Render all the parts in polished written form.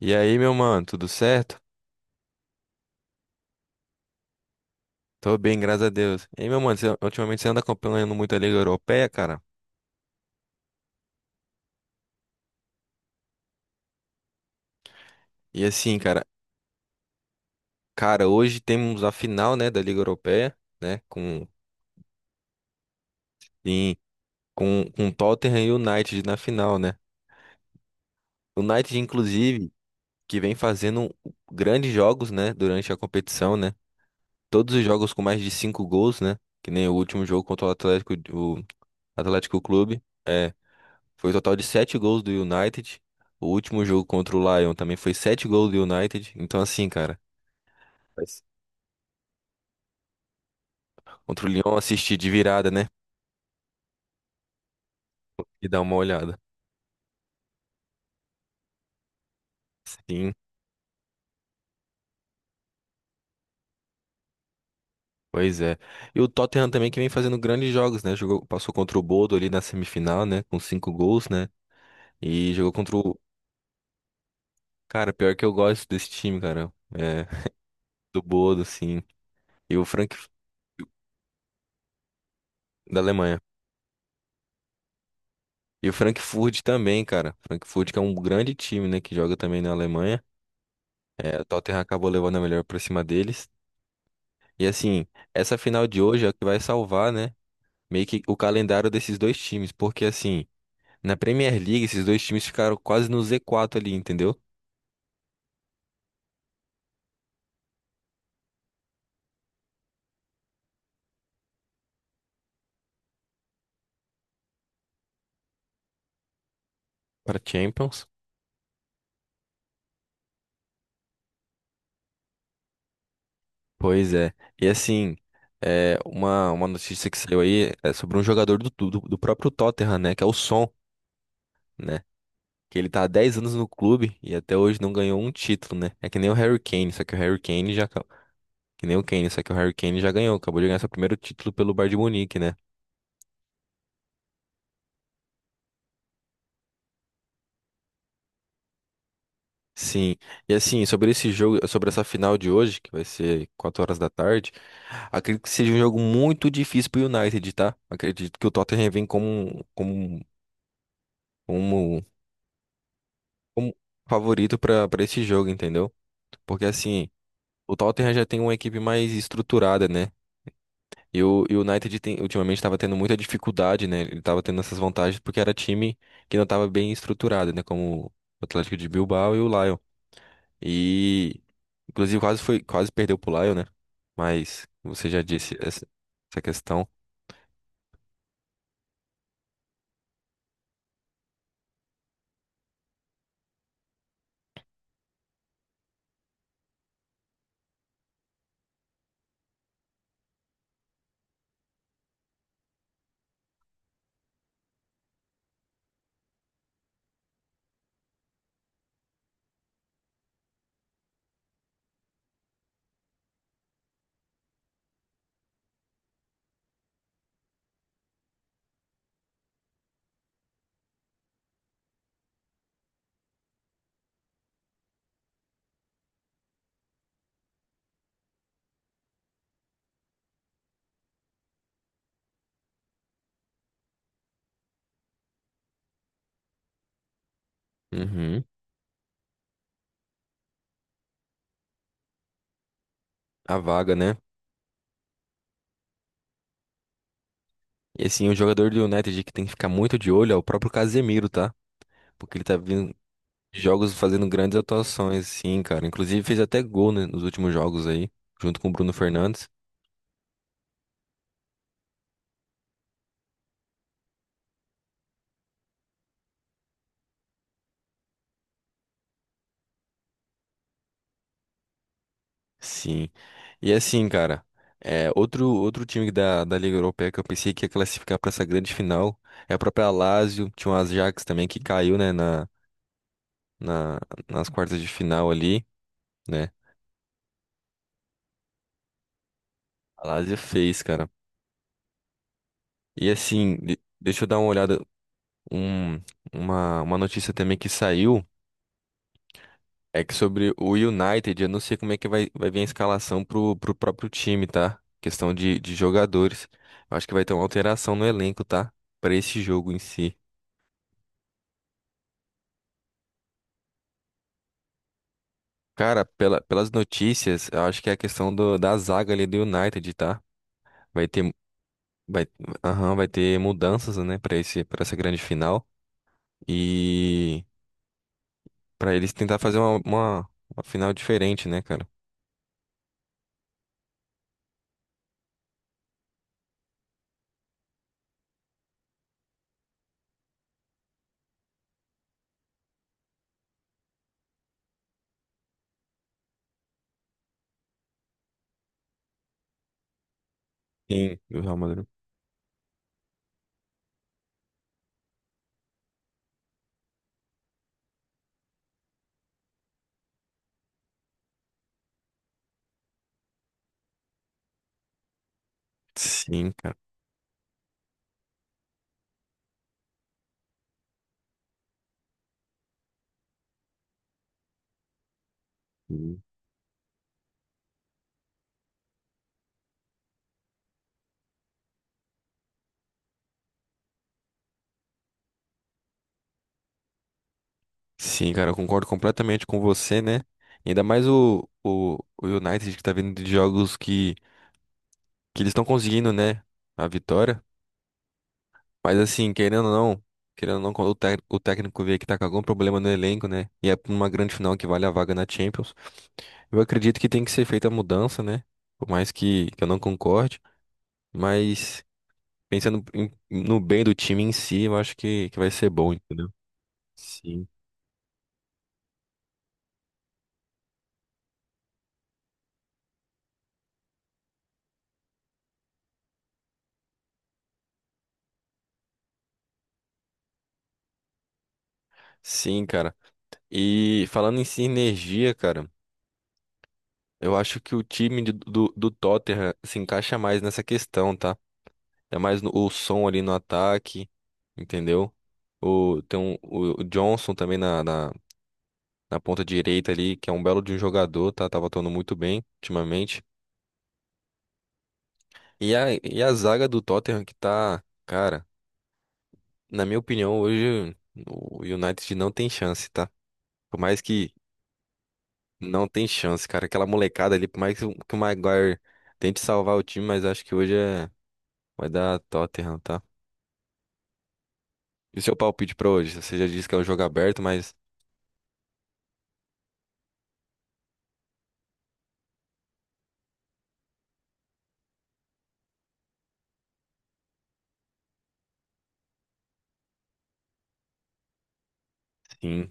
E aí, meu mano, tudo certo? Tô bem, graças a Deus. E aí, meu mano, ultimamente você anda acompanhando muito a Liga Europeia, cara? E assim, cara, cara, hoje temos a final, né, da Liga Europeia, né, com em- com Tottenham e United na final, né? O United inclusive que vem fazendo grandes jogos, né, durante a competição, né? Todos os jogos com mais de 5 gols, né? Que nem o último jogo contra o Atlético Clube. Foi o total de 7 gols do United. O último jogo contra o Lyon também foi 7 gols do United. Então, assim, cara, Mas- contra o Lyon assistir de virada, né? E dar uma olhada. Sim, pois é. E o Tottenham também que vem fazendo grandes jogos, né? Jogou, passou contra o Bodo ali na semifinal, né? Com 5 gols, né? E jogou contra o. Cara, pior que eu gosto desse time, cara. É, do Bodo, sim. E o Frank Da Alemanha. E o Frankfurt também, cara. Frankfurt que é um grande time, né? Que joga também na Alemanha. É, o Tottenham acabou levando a melhor pra cima deles. E assim, essa final de hoje é o que vai salvar, né? Meio que o calendário desses dois times. Porque assim, na Premier League, esses dois times ficaram quase no Z4 ali, entendeu? Pra Champions. Pois é. E assim, é, uma notícia que saiu aí é sobre um jogador do próprio Tottenham, né? Que é o Son, né? Que ele tá há 10 anos no clube e até hoje não ganhou um título, né? É que nem o Harry Kane, só que o Harry Kane já, que nem o Kane, só que o Harry Kane já ganhou, acabou de ganhar seu primeiro título pelo Bayern de Munique, né? Sim. E assim, sobre esse jogo, sobre essa final de hoje, que vai ser 4 horas da tarde, acredito que seja um jogo muito difícil pro United, tá? Acredito que o Tottenham vem como, como favorito pra para esse jogo, entendeu? Porque assim, o Tottenham já tem uma equipe mais estruturada, né? E o United ultimamente estava tendo muita dificuldade, né? Ele estava tendo essas vantagens porque era time que não estava bem estruturado, né? Como o Atlético de Bilbao e o Lyon. E inclusive quase foi, quase perdeu pro Lyon, né? Mas você já disse essa, essa questão. Uhum. A vaga, né? E assim, o jogador do United que tem que ficar muito de olho é o próprio Casemiro, tá? Porque ele tá vindo de jogos fazendo grandes atuações, sim, cara. Inclusive fez até gol, né, nos últimos jogos aí, junto com o Bruno Fernandes. Sim. E assim, cara, é, outro, outro time da, da Liga Europeia que eu pensei que ia classificar para essa grande final é a própria Lazio, tinha o Ajax também que caiu, né, na, nas quartas de final ali, né? A Lazio fez, cara. E assim, deixa eu dar uma olhada, um, uma notícia também que saiu é que sobre o United, eu não sei como é que vai vir a escalação pro próprio time, tá? Questão de jogadores. Eu acho que vai ter uma alteração no elenco, tá? Para esse jogo em si. Cara, pelas notícias, eu acho que é a questão da zaga ali do United, tá? Vai ter, vai, aham, vai ter mudanças, né, pra esse, para essa grande final. E pra eles tentar fazer uma final diferente, né, cara? Sim. Do Real Madrid. Sim, cara. Sim, sim, cara, eu concordo completamente com você, né? Ainda mais o United que tá vindo de jogos que eles estão conseguindo, né? A vitória. Mas assim, querendo ou não, quando o técnico vê que tá com algum problema no elenco, né? E é pra uma grande final que vale a vaga na Champions. Eu acredito que tem que ser feita a mudança, né? Por mais que eu não concorde, mas pensando no bem do time em si, eu acho que vai ser bom, entendeu? Sim. Sim, cara. E falando em sinergia, cara, eu acho que o time do Tottenham se encaixa mais nessa questão, tá? É mais o som ali no ataque, entendeu? O, tem um, o Johnson também na ponta direita ali, que é um belo de um jogador, tá, tava atuando muito bem ultimamente. E a zaga do Tottenham que tá, cara, na minha opinião, hoje o United não tem chance, tá? Por mais que não tem chance, cara. Aquela molecada ali, por mais que o Maguire tente salvar o time, mas acho que hoje é, vai dar Tottenham, tá? E o seu palpite pra hoje? Você já disse que é um jogo aberto, mas sim.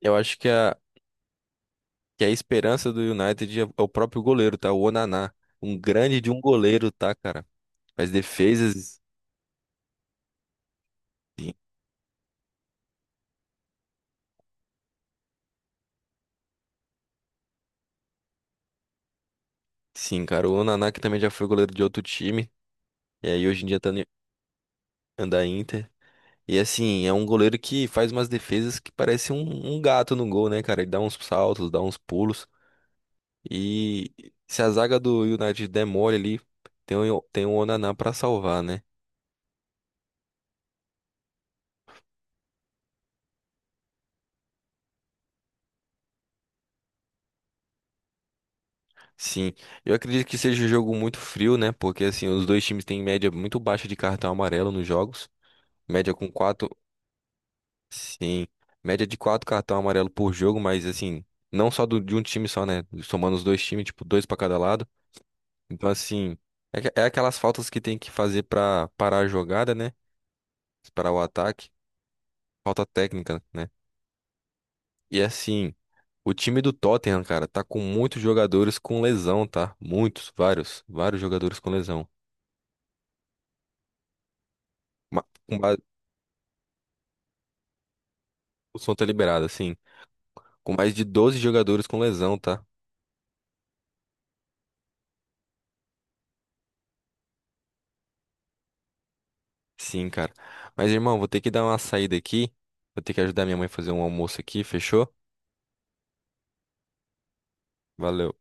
Eu acho que a esperança do United é o próprio goleiro, tá? O Onaná. Um grande de um goleiro, tá, cara? Faz defesas. Sim, sim, cara. O Onaná que também já foi goleiro de outro time. E aí hoje em dia tá no anda Inter. E assim, é um goleiro que faz umas defesas que parece um gato no gol, né, cara? Ele dá uns saltos, dá uns pulos. E se a zaga do United der mole ali, tem o Onaná pra salvar, né? Sim, eu acredito que seja um jogo muito frio, né? Porque assim, os dois times têm média muito baixa de cartão amarelo nos jogos. Média com quatro, sim, média de 4 cartão amarelo por jogo, mas assim, não só de um time só, né? Somando os dois times, tipo, dois pra cada lado. Então, assim, é aquelas faltas que tem que fazer pra parar a jogada, né? Parar o ataque, falta técnica, né? E assim, o time do Tottenham, cara, tá com muitos jogadores com lesão, tá? Muitos, vários jogadores com lesão. Ma- com O som tá liberado, assim. Com mais de 12 jogadores com lesão, tá? Sim, cara. Mas, irmão, vou ter que dar uma saída aqui. Vou ter que ajudar minha mãe a fazer um almoço aqui, fechou? Valeu.